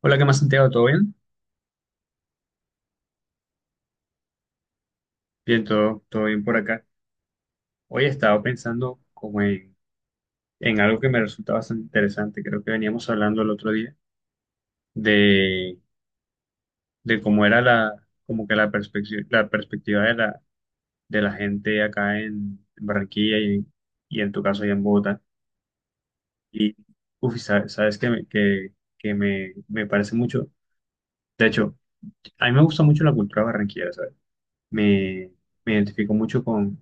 Hola, ¿qué más, Santiago? ¿Todo bien? Bien, todo bien por acá. Hoy he estado pensando como en algo que me resulta bastante interesante. Creo que veníamos hablando el otro día de, de cómo era como que la perspectiva de de la gente acá en Barranquilla y en tu caso allá en Bogotá. Y, uf, y sabes, que me parece mucho. De hecho, a mí me gusta mucho la cultura barranquillera, ¿sabes? Me, me identifico mucho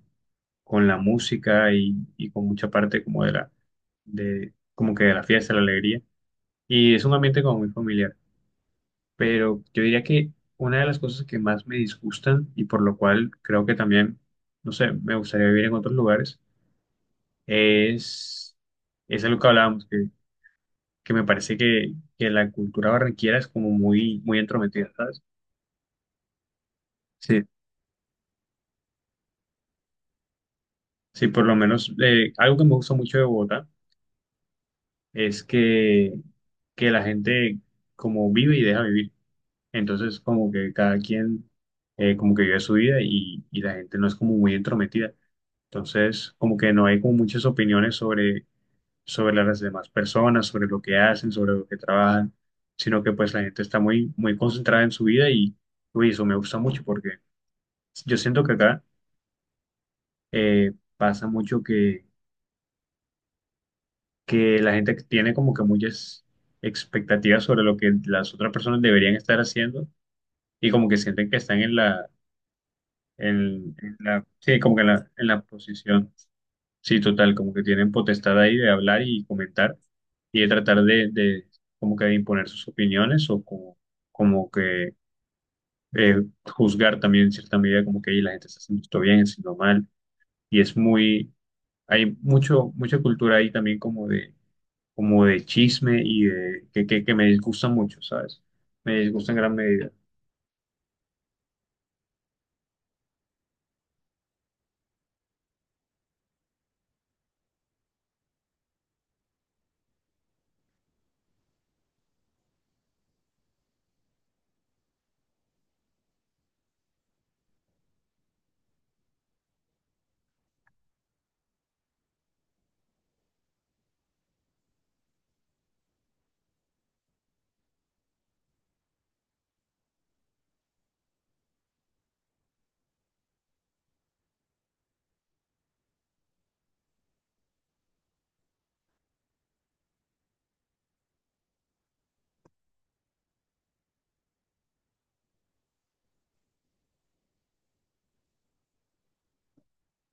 con la música y con mucha parte como de como que de la fiesta, la alegría. Y es un ambiente como muy familiar. Pero yo diría que una de las cosas que más me disgustan y por lo cual creo que también, no sé, me gustaría vivir en otros lugares, es, es algo que hablábamos, que me parece que la cultura barranquera es como muy, muy entrometida, ¿sabes? Sí. Sí, por lo menos algo que me gusta mucho de Bogotá es que la gente como vive y deja vivir. Entonces, como que cada quien, como que vive su vida y la gente no es como muy entrometida. Entonces, como que no hay como muchas opiniones sobre las demás personas, sobre lo que hacen, sobre lo que trabajan, sino que pues la gente está muy, muy concentrada en su vida y, uy, eso me gusta mucho porque yo siento que acá eh, pasa mucho que la gente tiene como que muchas expectativas sobre lo que las otras personas deberían estar haciendo y como que sienten que están en la sí, como que en en la posición, sí, total, como que tienen potestad ahí de hablar y comentar y de tratar de como que de imponer sus opiniones o como, como que juzgar también en cierta medida como que ahí la gente está haciendo esto bien, haciendo mal y es muy, hay mucho, mucha cultura ahí también como como de chisme y que me disgusta mucho, ¿sabes? Me disgusta en gran medida.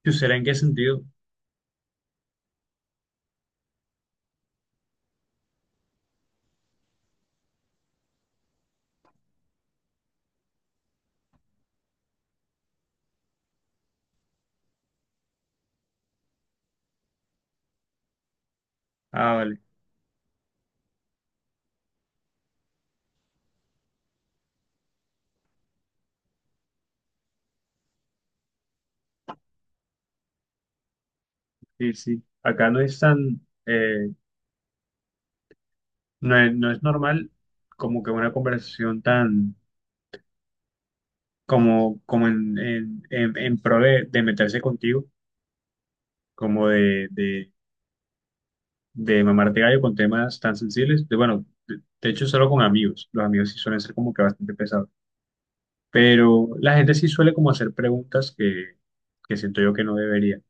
¿Y será en qué sentido? Ah, vale, sí, sí. Acá no es tan... eh, no es, no es normal como que una conversación tan como, como en pro de meterse contigo, como de mamarte gallo con temas tan sensibles. De, bueno, de hecho solo con amigos. Los amigos sí suelen ser como que bastante pesados. Pero la gente sí suele como hacer preguntas que siento yo que no debería.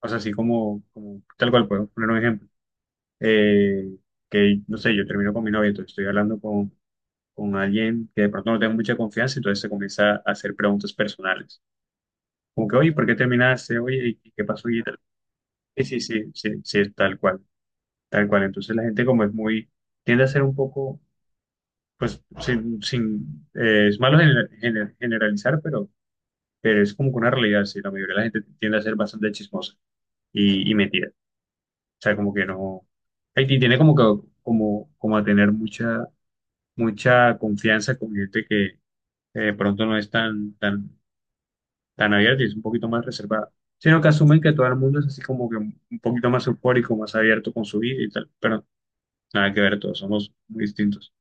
O sea, así como, como tal cual puedo poner un ejemplo. Eh, que no sé, yo termino con mi novia, entonces estoy hablando con alguien que de pronto no tenga mucha confianza, entonces se comienza a hacer preguntas personales. Como que, oye, ¿por qué terminaste? Oye, ¿y qué pasó? Y tal. Sí, sí, sí, sí, sí, es tal cual, tal cual. Entonces la gente como es muy, tiende a ser un poco, pues, sin es malo generalizar, pero es como que una realidad, sí, la mayoría de la gente tiende a ser bastante chismosa y metida. O sea, como que no, Haití tiene como que, como, como a tener mucha, mucha confianza con gente que de pronto no es tan, tan abierta y es un poquito más reservada, sino que asumen que todo el mundo es así como que un poquito más eufórico, más abierto con su vida y tal, pero nada que ver, todos somos muy distintos.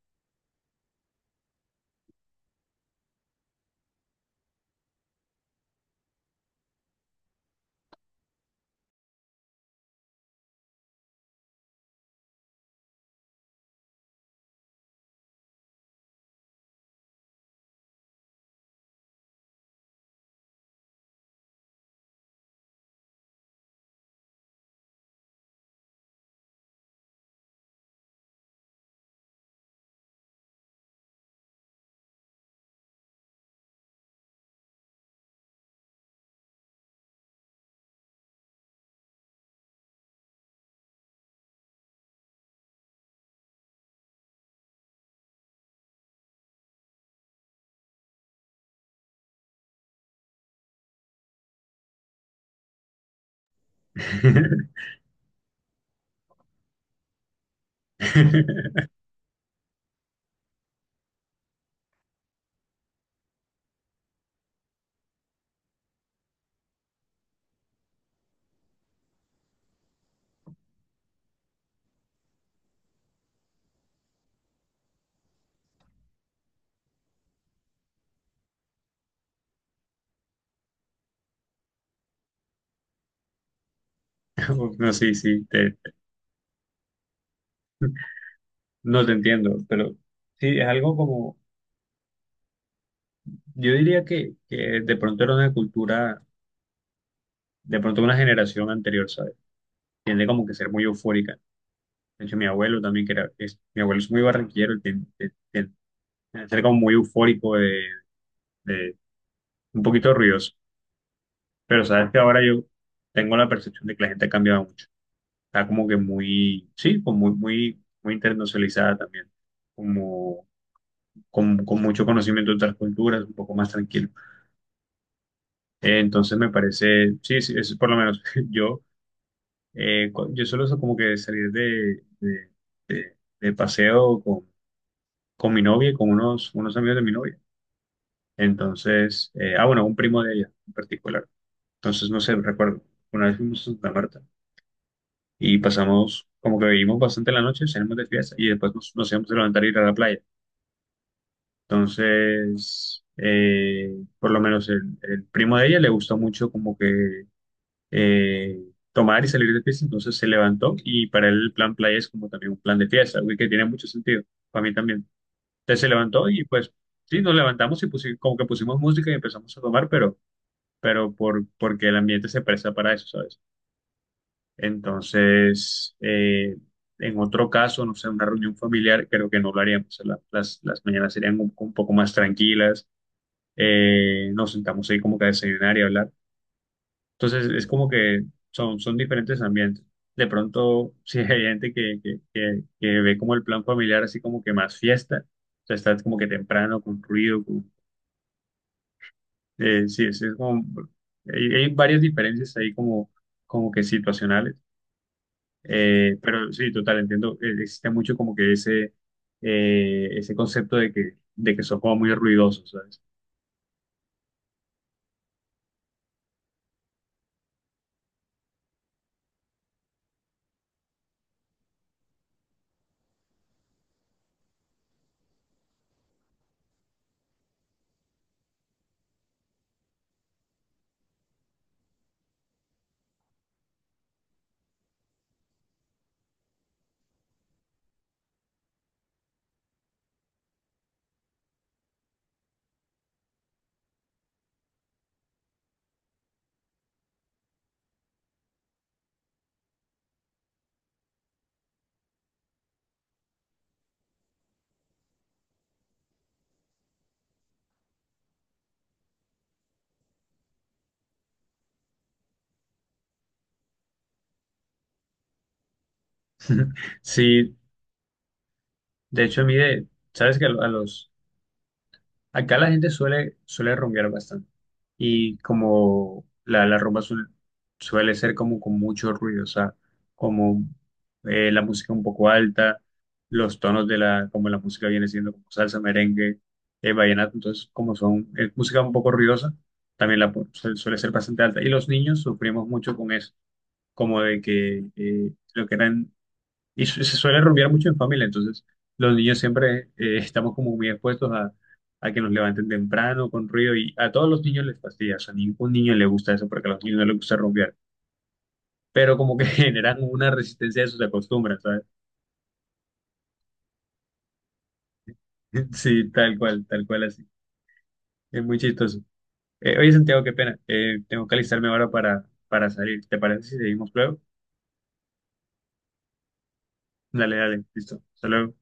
No, sí, sí, no te entiendo, pero sí, es algo como, yo diría que de pronto era una cultura, de pronto una generación anterior, ¿sabes? Tiende como que ser muy eufórica. De hecho, mi abuelo también, que era, mi abuelo es muy barranquillero, y tiende a ser como muy eufórico, de- un poquito ruidoso. Pero sabes que ahora yo tengo la percepción de que la gente ha cambiado mucho. Está como que muy, sí, como muy, muy, muy internacionalizada también. Como con mucho conocimiento de otras culturas, un poco más tranquilo. Entonces me parece, sí, sí, es por lo menos yo, yo suelo como que salir de paseo con mi novia y con unos, unos amigos de mi novia. Entonces, ah, bueno, un primo de ella en particular. Entonces, no sé, recuerdo, una vez fuimos a Santa Marta y pasamos, como que bebimos bastante la noche, salimos de fiesta y después nos, nos íbamos a levantar a ir a la playa. Entonces, por lo menos el primo de ella le gustó mucho como que eh, tomar y salir de fiesta, entonces se levantó y para él el plan playa es como también un plan de fiesta, algo que tiene mucho sentido, para mí también. Entonces se levantó y pues sí, nos levantamos y como que pusimos música y empezamos a tomar, pero, porque el ambiente se presta para eso, ¿sabes? Entonces, en otro caso, no sé, una reunión familiar, creo que no lo haríamos. Las mañanas serían un poco más tranquilas. Nos sentamos ahí como que a desayunar y hablar. Entonces, es como que son, son diferentes ambientes. De pronto, si hay gente que ve como el plan familiar así como que más fiesta, o sea, está como que temprano, con ruido, con, sí, es como, hay varias diferencias ahí como, como que situacionales. Pero sí, total, entiendo. Existe mucho como que ese, ese concepto de de que son como muy ruidosos, ¿sabes? Sí, de hecho a mí, de, ¿sabes a los, acá la gente suele, suele rumbear bastante. Y como la rumba suele ser como con mucho ruido, o sea, como la música un poco alta, los tonos de la, como la música viene siendo como salsa, merengue, vallenato, entonces como son, es música un poco ruidosa, también la suele ser bastante alta. Y los niños sufrimos mucho con eso, como de que lo que eran y se suele rumbear mucho en familia, entonces los niños siempre estamos como muy expuestos a que nos levanten temprano con ruido y a todos los niños les fastidia, o sea, a ningún niño le gusta eso porque a los niños no les gusta rumbear, pero como que generan una resistencia a sus acostumbran, ¿sabes? Sí, tal cual así. Es muy chistoso. Oye, Santiago, qué pena. Tengo que alistarme ahora para salir. ¿Te parece si seguimos luego? Dale, dale, listo. Hasta luego.